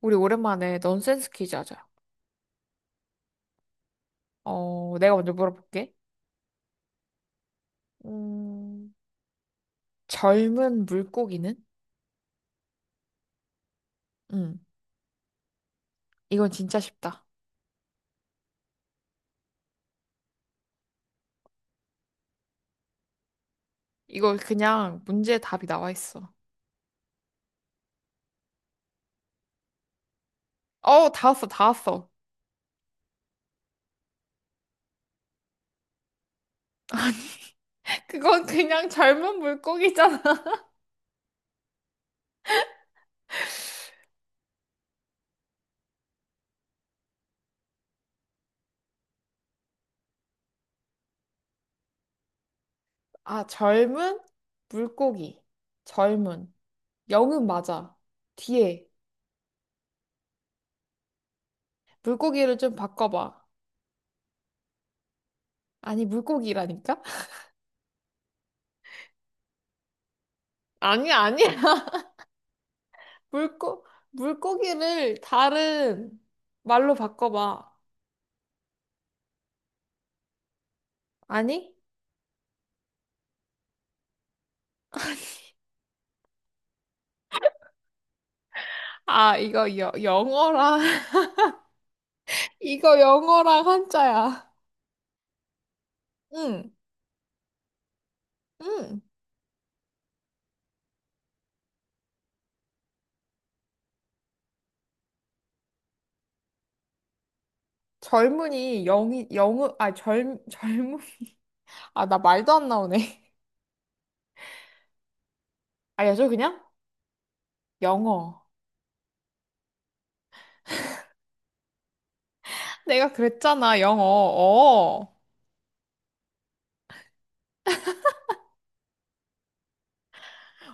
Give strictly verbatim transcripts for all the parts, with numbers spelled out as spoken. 우리 오랜만에 넌센스 퀴즈 하자. 어, 내가 먼저 물어볼게. 음, 젊은 물고기는? 음, 이건 진짜 쉽다. 이거 그냥 문제 답이 나와 있어. 어, 다 왔어, 다 왔어. 그건 그냥 젊은 물고기잖아. 아, 젊은 물고기. 젊은. 영은 맞아. 뒤에. 물고기를 좀 바꿔봐. 아니, 물고기라니까? 아니야, 아니야. 물고, 물고기를 다른 말로 바꿔봐. 아니? 아, 이거 여, 영어랑, 이거 영어랑 한자야. 응, 응. 젊은이, 영이, 영어, 아, 젊, 젊은. 아, 나 말도 안 나오네. 알려줘, 그냥? 영어. 내가 그랬잖아, 영어. 어,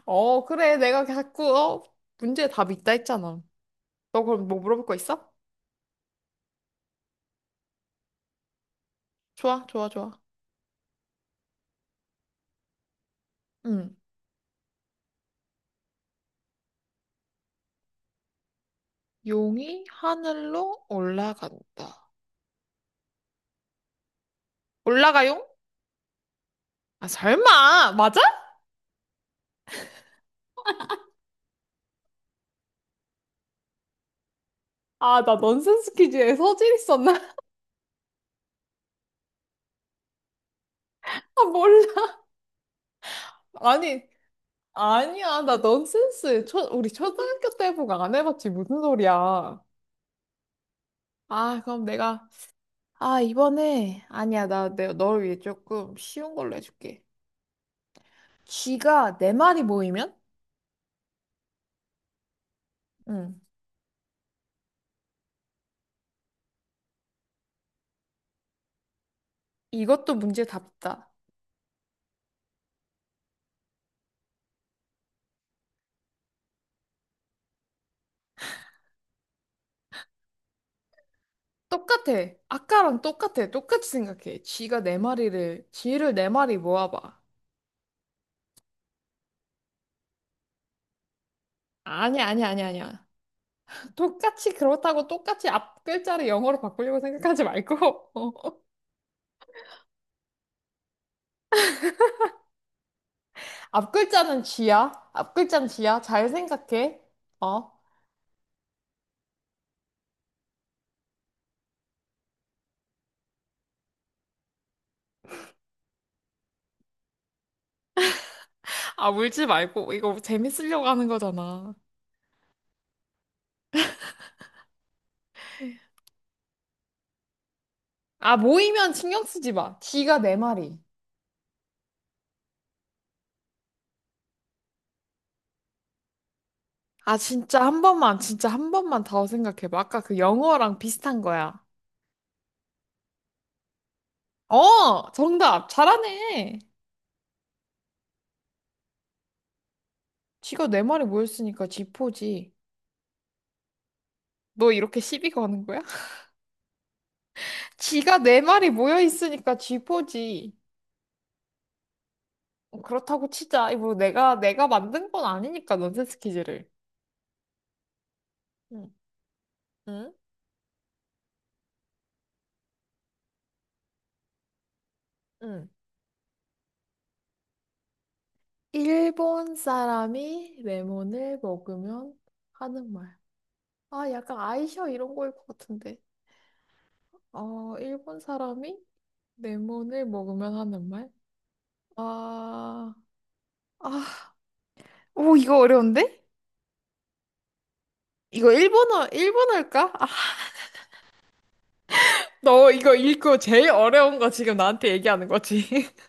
어, 그래. 내가 자꾸, 어, 문제 답 있다 했잖아. 너 그럼 뭐 물어볼 거 있어? 좋아, 좋아, 좋아. 응. 용이 하늘로 올라간다. 올라가용? 아, 설마! 맞아? 아, 나 넌센스 퀴즈에 서질 있었나? 아, 몰라. 아니, 아니야. 나 넌센스. 초, 우리 초등학교 때보고 안 해봤지. 무슨 소리야. 아, 그럼 내가, 아, 이번에, 아니야. 나, 내, 너를 위해 조금 쉬운 걸로 해줄게. 쥐가 네 마리 모이면? 응. 이것도 문제 답다. 똑같아. 아까랑 똑같아. 똑같이 생각해. 쥐가 네 마리를, 쥐를 네 마리 모아봐. 아니야, 아니야, 아니야, 아니야. 똑같이 그렇다고 똑같이 앞 글자를 영어로 바꾸려고 생각하지 말고. 앞글자는 쥐야? 앞글자는 쥐야? 잘 생각해. 어? 아, 울지 말고. 이거 재밌으려고 하는 거잖아. 아, 모이면 신경 쓰지 마. 쥐가 네 마리. 아, 진짜 한 번만, 진짜 한 번만 더 생각해봐. 아까 그 영어랑 비슷한 거야. 어, 정답. 잘하네. 쥐가 네 마리 모였으니까 쥐포지. 너 이렇게 시비 거는 거야? 쥐가 네 마리 모여 있으니까 쥐포지. 그렇다고 치자. 이거 내가 내가 만든 건 아니니까 넌센스 퀴즈를. 응. 응? 응. 일본 사람이 레몬을 먹으면 하는 말. 아, 약간 아이셔 이런 거일 것 같은데. 어, 일본 사람이 레몬을 먹으면 하는 말? 아, 아, 오, 이거 어려운데? 이거 일본어, 일본어일까? 아, 너 이거 읽고 제일 어려운 거 지금 나한테 얘기하는 거지.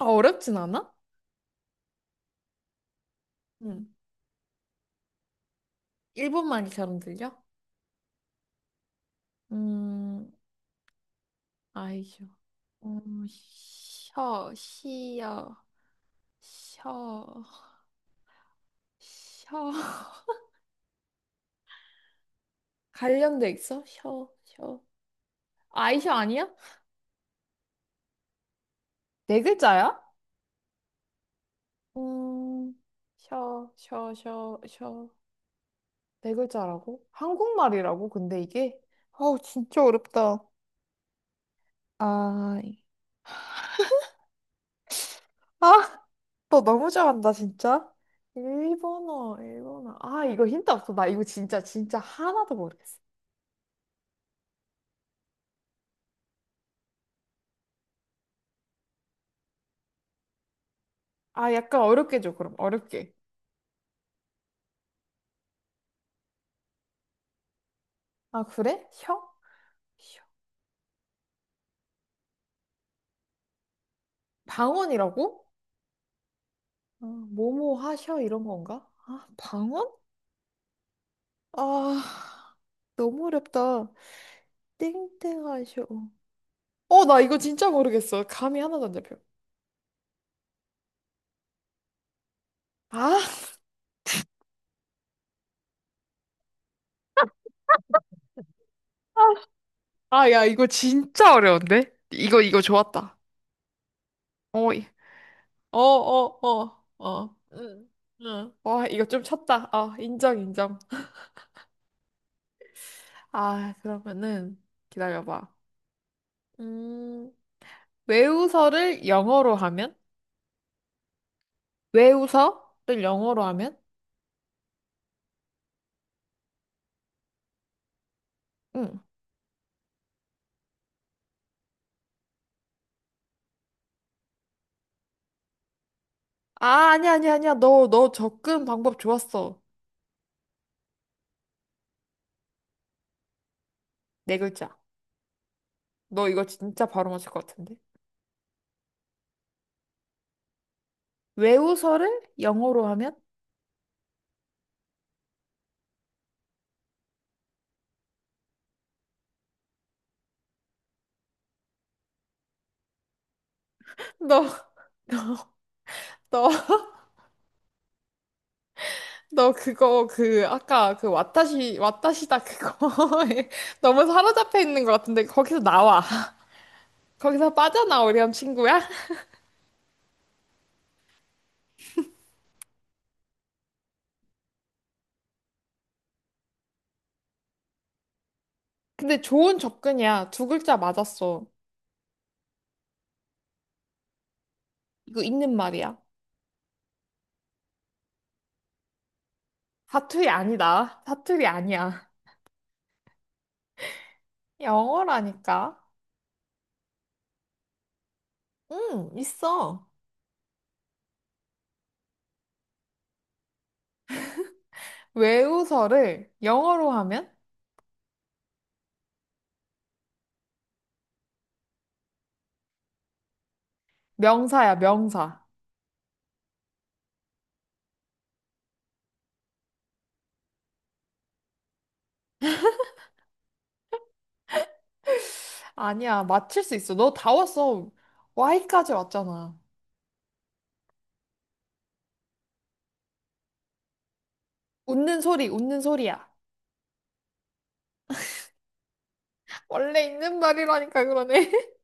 아, 어렵진 않아? 응. 일본말처럼 들려? 음, 아이셔. 어, 셔, 시여, 셔. 혀. 관련돼 있어? 혀, 혀. 아이셔 아니야? 네 글자야? 음, 셔, 셔, 셔, 셔. 네 글자라고? 한국말이라고? 근데 이게? 아우, 진짜 어렵다. 아, 이- 아, 너 너무 잘한다, 진짜. 일본어, 일본어. 아, 이거 힌트 없어. 나 이거 진짜, 진짜 하나도 모르겠어. 아, 약간 어렵게 줘, 그럼. 어렵게. 아, 그래? 혀? 셔. 방언이라고? 아 뭐뭐 하셔, 이런 건가? 아, 방언? 아, 너무 어렵다. 땡땡하쇼. 어, 나 이거 진짜 모르겠어. 감이 하나도 안 잡혀. 아, 아, 야, 이거 진짜 어려운데? 이거, 이거 좋았다. 어, 이- 어, 어, 어, 어. 응, 응. 와, 이거 좀 쳤다. 아, 인정, 인정. 아, 그러면은 기다려봐. 음, 외우서를 영어로 하면? 외우서를 영어로 하면? 응. 아, 아니야, 아니야, 아니야. 너, 너 접근 방법 좋았어. 네 글자. 너 이거 진짜 바로 맞을 것 같은데? 외우서를 영어로 하면? 너, 너, 너 그거 그 아까 그 와타시 와타시다 그거 에 너무 사로잡혀 있는 것 같은데 거기서 나와. 거기서 빠져나오렴 친구야. 근데 좋은 접근이야. 두 글자 맞았어. 이거 있는 말이야. 사투리 아니다. 사투리 아니야. 영어라니까. 응, 있어. 외우서를 영어로 하면 명사야, 명사. 아니야, 맞힐 수 있어. 너 다 왔어. Y까지 왔잖아. 웃는 소리, 웃는 소리야. 원래 있는 말이라니까 그러네.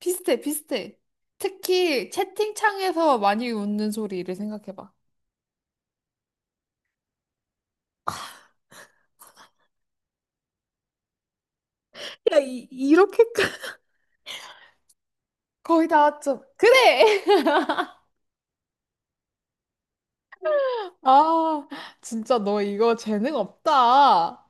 비슷해, 비슷해. 특히 채팅창에서 많이 웃는 소리를 생각해봐. 야, 이, 이렇게까지. 거의 다 왔죠. 그래! 아, 진짜 너 이거 재능 없다.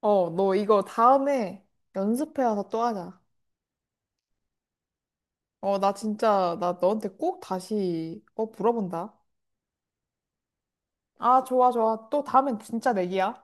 어, 너 이거 다음에 연습해 와서 또 하자. 어, 나 진짜, 나 너한테 꼭 다시, 어, 물어본다. 아, 좋아, 좋아. 또 다음엔 진짜 내기야.